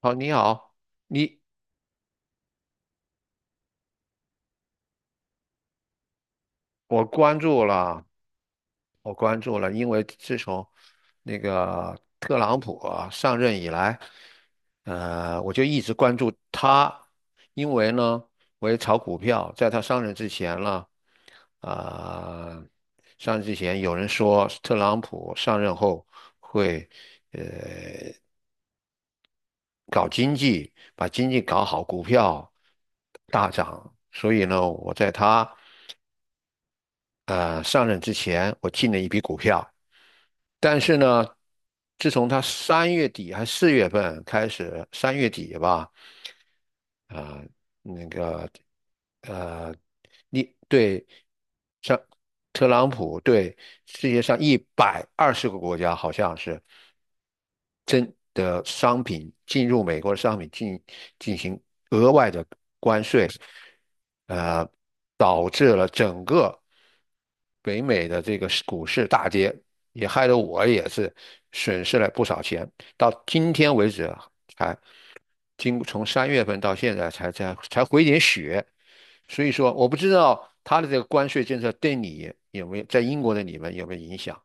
好，你好。你我关注了，因为自从特朗普啊上任以来，我就一直关注他。因为呢，我也炒股票。在他上任之前呢，啊、上任之前,有人说特朗普上任后会呃搞经济，把经济搞好，股票大涨，所以呢，我在他。呃上任之前，我进了一笔股票。但是呢，自从他三月底还四月份开始，三月底吧，啊、那个呃，你对上特朗普对世界上120个国家好像是，身的商品进入美国的商品进行额外的关税，呃，导致了整个北美的这个股市大跌，也害得我也是损失了不少钱。到今天为止才从三月份到现在才回点血。所以说我不知道他的这个关税政策对你在英国的你们有没有影响？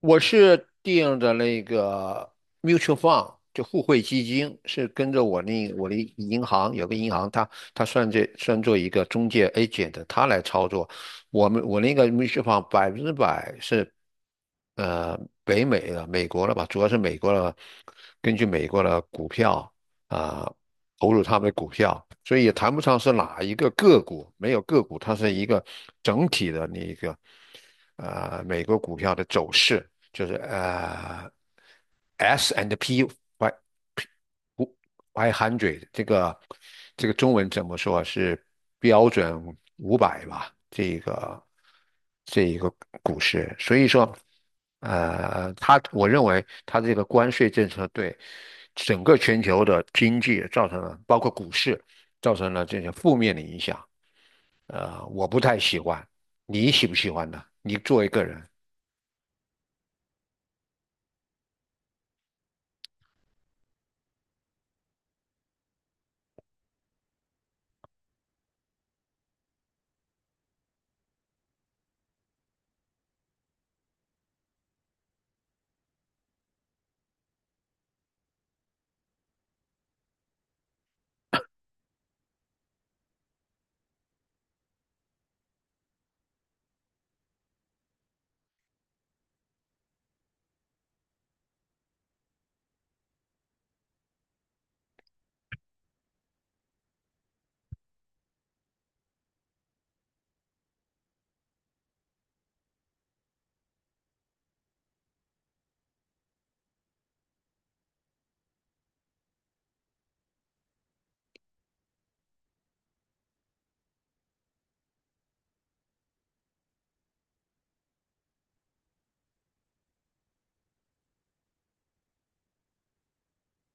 我是定的那个 mutual fund，就互惠基金，是跟着我我的银行，它算算作一个中介 agent，它来操作。我那个 mutual fund 100%是北美的美国的吧，主要是美国的，根据美国的股票啊，投入他们的股票。所以也谈不上是哪一个个股，没有个股，它是一个整体的那一个美国股票的走势，就是 S&P Y i 0嘴，这个中文怎么说，是标准500吧？这一个股市。所以说，呃，我认为他这个关税政策对整个全球的经济造成了，包括股市，造成了这些负面的影响。我不太喜欢，你喜不喜欢呢？你作为个人，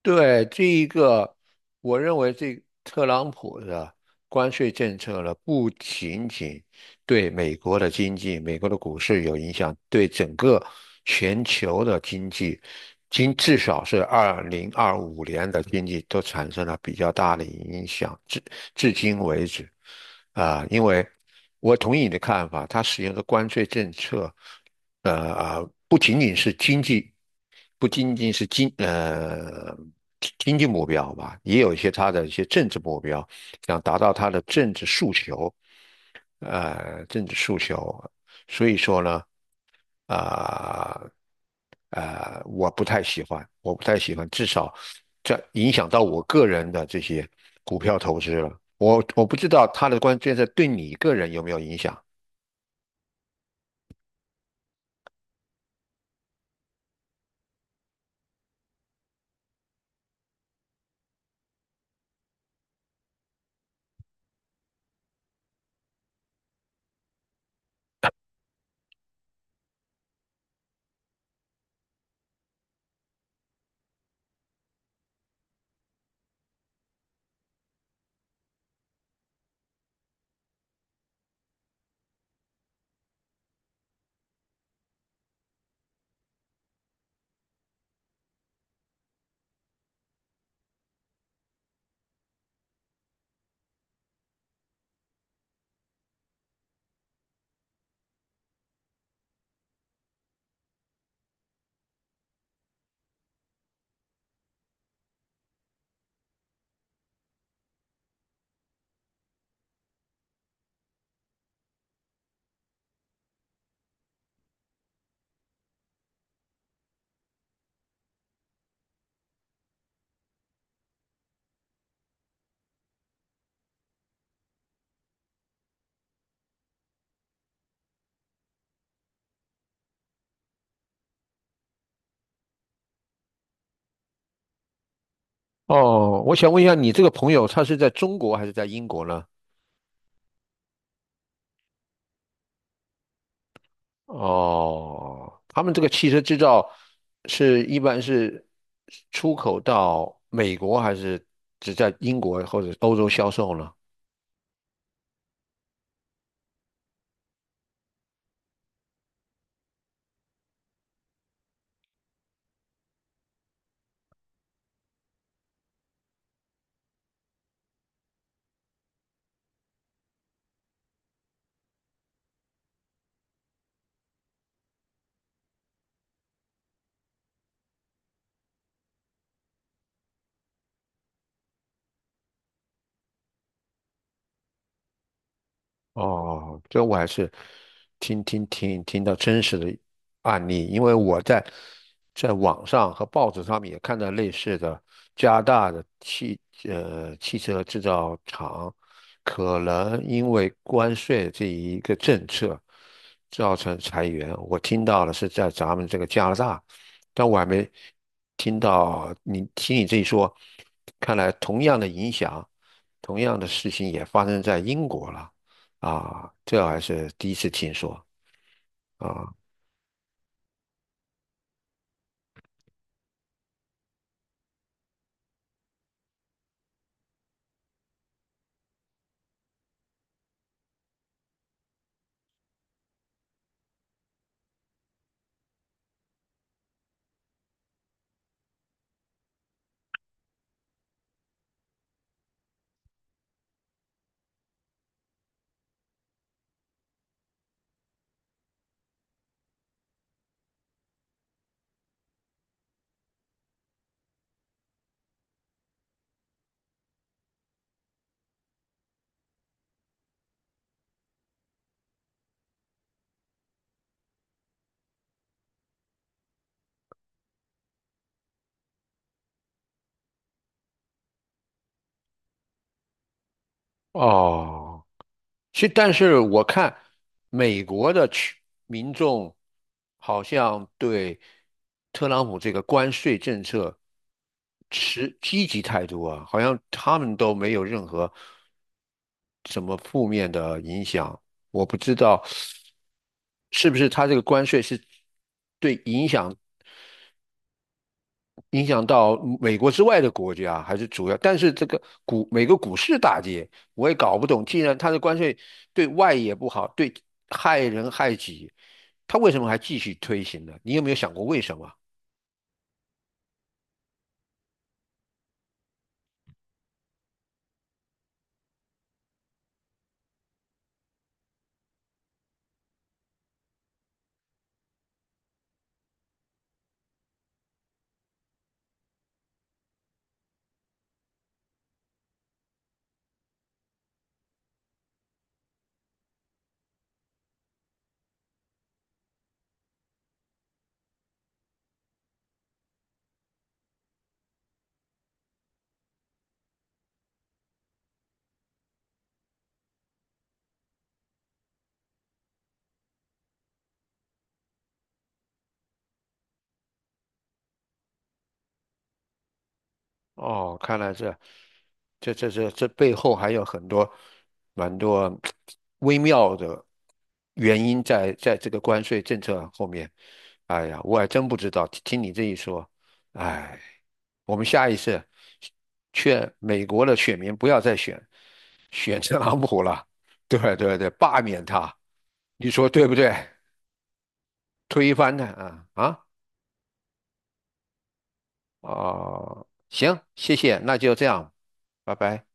对这一个，我认为这特朗普的关税政策呢，不仅仅对美国的经济、美国的股市有影响，对整个全球的经济，至少是2025年的经济，都产生了比较大的影响。至今为止，因为我同意你的看法，它使用的关税政策，呃，啊不仅仅是经济，不仅仅是经呃。经济目标吧，也有一些它的一些政治目标，想达到它的政治诉求，呃政治诉求，所以说呢，啊、我不太喜欢，至少这影响到我个人的这些股票投资了。我不知道他的关键在对你个人有没有影响。哦，我想问一下，你这个朋友他是在中国还是在英国呢？哦，他们这个汽车制造是一般是出口到美国，还是只在英国或者欧洲销售呢？哦，这我还是听到真实的案例，因为我在网上和报纸上面也看到类似的，加拿大的汽车制造厂可能因为关税这一个政策造成裁员。我听到的是在咱们这个加拿大，但我还没听到，你这一说，看来同样的影响，同样的事情也发生在英国了。啊，这还是第一次听说啊。哦，是。但是我看美国的民众好像对特朗普这个关税政策持积极态度啊，好像他们都没有任何什么负面的影响。我不知道是不是他这个关税是对影响影响到美国之外的国家还是主要，但是这个美国股市大跌，我也搞不懂。既然它的关税对外也不好，对，害人害己，它为什么还继续推行呢？你有没有想过为什么？哦，看来这这背后还有蛮多微妙的原因在这个关税政策后面。哎呀，我还真不知道，你这一说，哎，我们下一次劝美国的选民不要再选特朗普了，对对对，罢免他，你说对不对？推翻他啊啊。哦，行，谢谢，那就这样，拜拜。